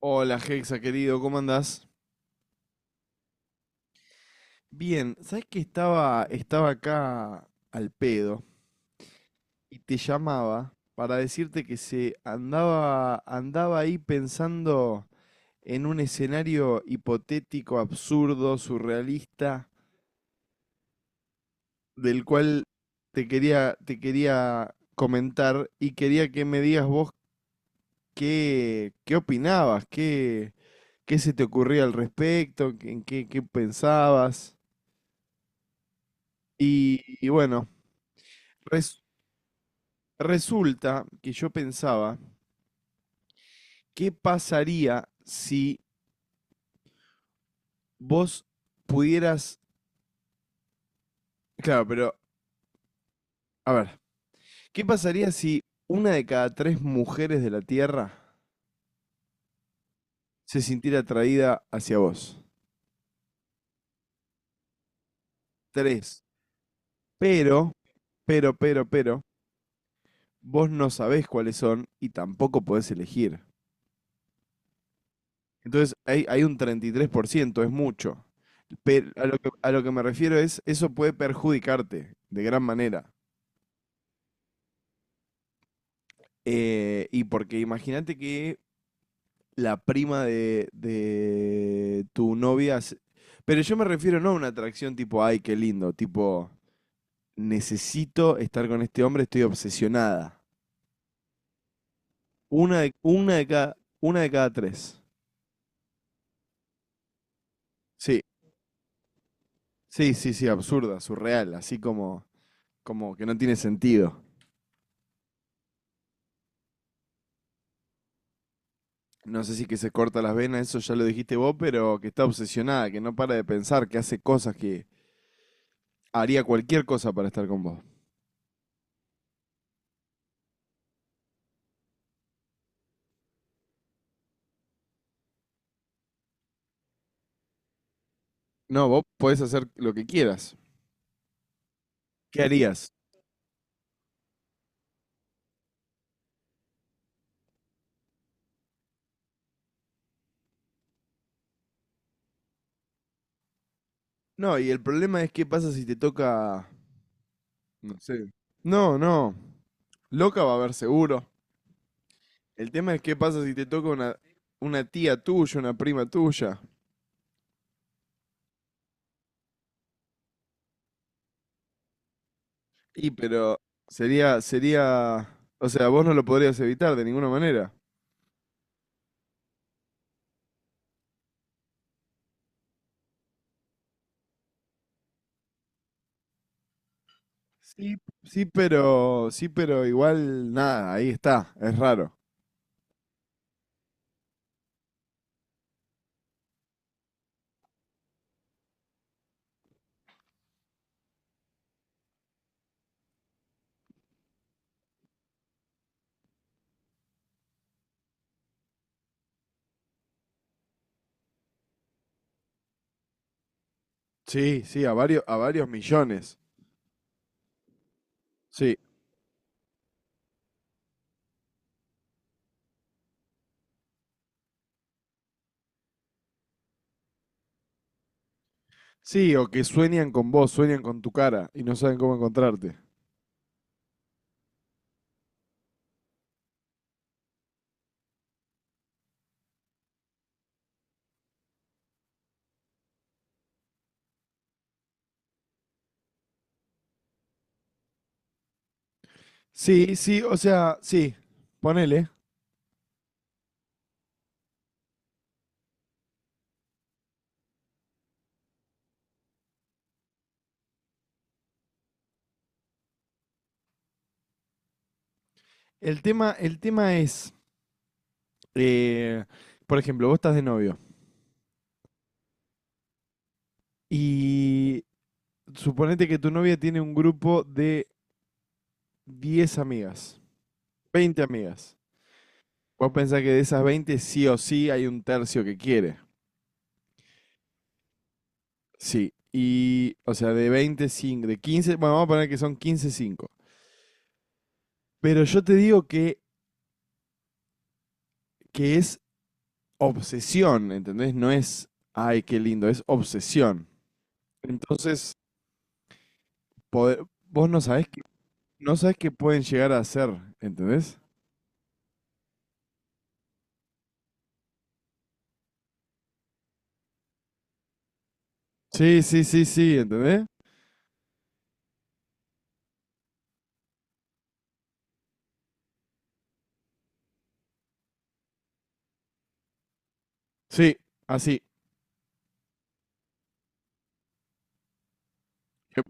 Hola, Hexa, querido, ¿cómo andás? Bien, ¿sabes que estaba acá al pedo y te llamaba para decirte que se andaba ahí pensando en un escenario hipotético, absurdo, surrealista, del cual te quería comentar y quería que me digas vos qué opinabas, qué, qué se te ocurría al respecto, en qué pensabas. Y bueno. Res- Resulta que yo pensaba, ¿qué pasaría si vos pudieras... Claro, pero, a ver, ¿qué pasaría si una de cada tres mujeres de la Tierra se sintiera atraída hacia vos? Tres. Pero, pero, vos no sabés cuáles son y tampoco podés elegir. Entonces, hay un 33% es mucho. Pero a lo que me refiero es, eso puede perjudicarte de gran manera. Y porque imagínate que la prima de tu novia. Pero yo me refiero no a una atracción tipo, ay, qué lindo, tipo, necesito estar con este hombre, estoy obsesionada. Una de cada tres. Sí, sí, sí, sí, absurda, surreal, así como, como que no tiene sentido. No sé si que se corta las venas, eso ya lo dijiste vos, pero que está obsesionada, que no para de pensar, que hace cosas que haría cualquier cosa para estar con vos. No, vos podés hacer lo que quieras. ¿Qué harías? No, y el problema es qué pasa si te toca, no sé. No, no. Loca va a haber seguro. El tema es qué pasa si te toca una tía tuya, una prima tuya. Y pero sería, o sea, vos no lo podrías evitar de ninguna manera. Sí, sí, pero igual nada, ahí está, es raro. Sí, sí, a varios millones. Sí. Sí, o que sueñan con vos, sueñan con tu cara y no saben cómo encontrarte. Sí, sí, o sea, sí, ponele. El tema es, eh, por ejemplo, vos estás de novio y suponete que tu novia tiene un grupo de 10 amigas, 20 amigas. Vos pensás que de esas 20 sí o sí hay un tercio que quiere. Sí. Y, o sea, de veinte cinco de 15 bueno, vamos a poner que son 15 cinco. Pero yo te digo que es obsesión, ¿entendés? No es, ay, qué lindo, es obsesión. Entonces, vos no sabés. No sabes qué pueden llegar a hacer, ¿entendés? Sí, sí, sí, sí, ¿entendés? Sí, así. Yep.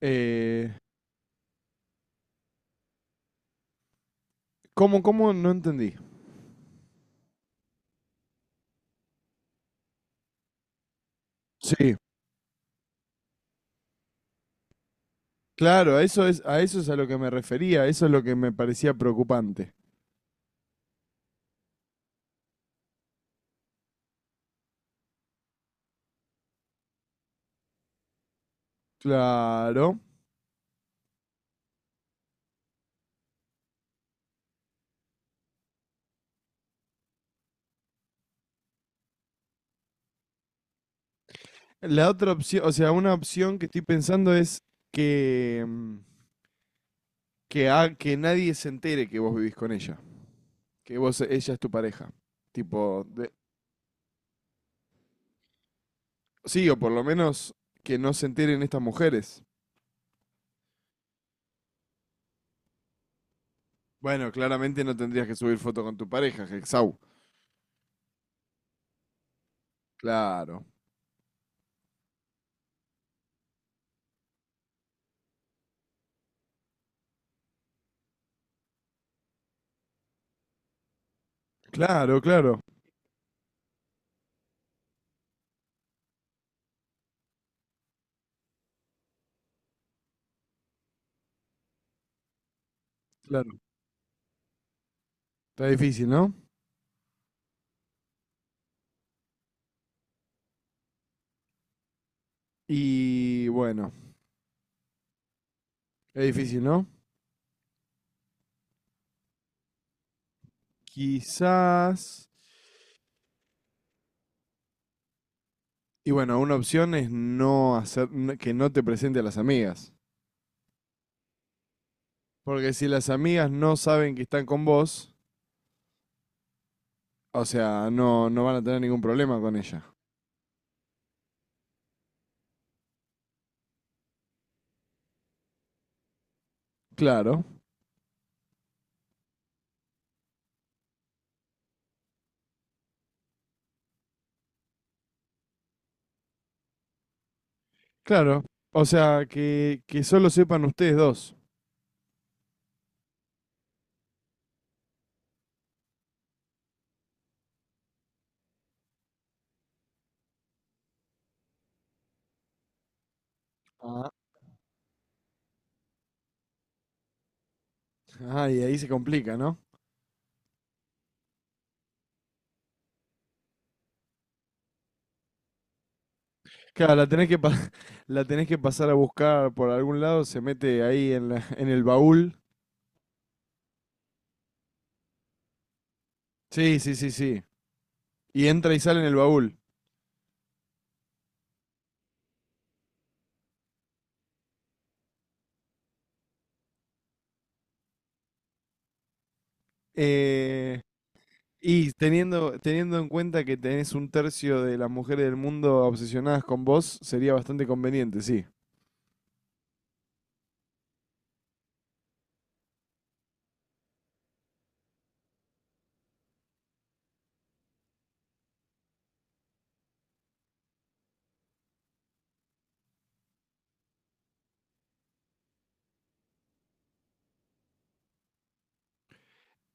Eh, ¿Cómo, cómo? No entendí. Sí, claro, a eso es, a eso es a lo que me refería, eso es lo que me parecía preocupante. Claro. La otra opción, o sea, una opción que estoy pensando es que, que, que nadie se entere que vos vivís con ella. Que vos, ella es tu pareja. Tipo, de- sí, o por lo menos que no se enteren estas mujeres. Bueno, claramente no tendrías que subir foto con tu pareja, Hexau. Claro. Claro, claro, claro. Está difícil, ¿no? Y bueno, es difícil, ¿no? Quizás. Y bueno, una opción es que no te presente a las amigas. Porque si las amigas no saben que están con vos, o sea, no, no van a tener ningún problema con ella. Claro, claro. O sea, que solo sepan ustedes dos. Ah, Ah, y ahí se complica, ¿no? Claro, la la tenés que pasar a buscar por algún lado, se mete ahí en en el baúl. Sí, sí, sí, sí. Y entra y sale en el baúl. Eh, y teniendo en cuenta que tenés un tercio de las mujeres del mundo obsesionadas con vos, sería bastante conveniente, sí.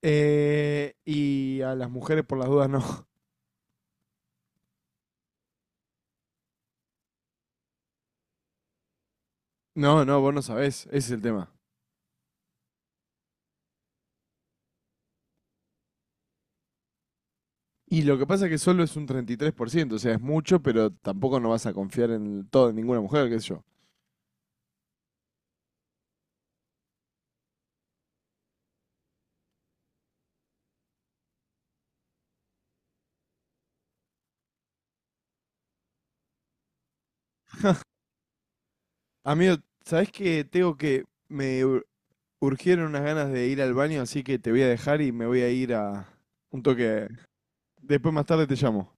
Y a las mujeres por las dudas no. No, no, vos no sabés, ese es el tema. Y lo que pasa es que solo es un 33%, o sea, es mucho, pero tampoco no vas a confiar en todo en ninguna mujer, qué sé yo. Amigo, ¿sabés que tengo que... Me urgieron unas ganas de ir al baño, así que te voy a dejar y me voy a ir a un toque. Después más tarde te llamo.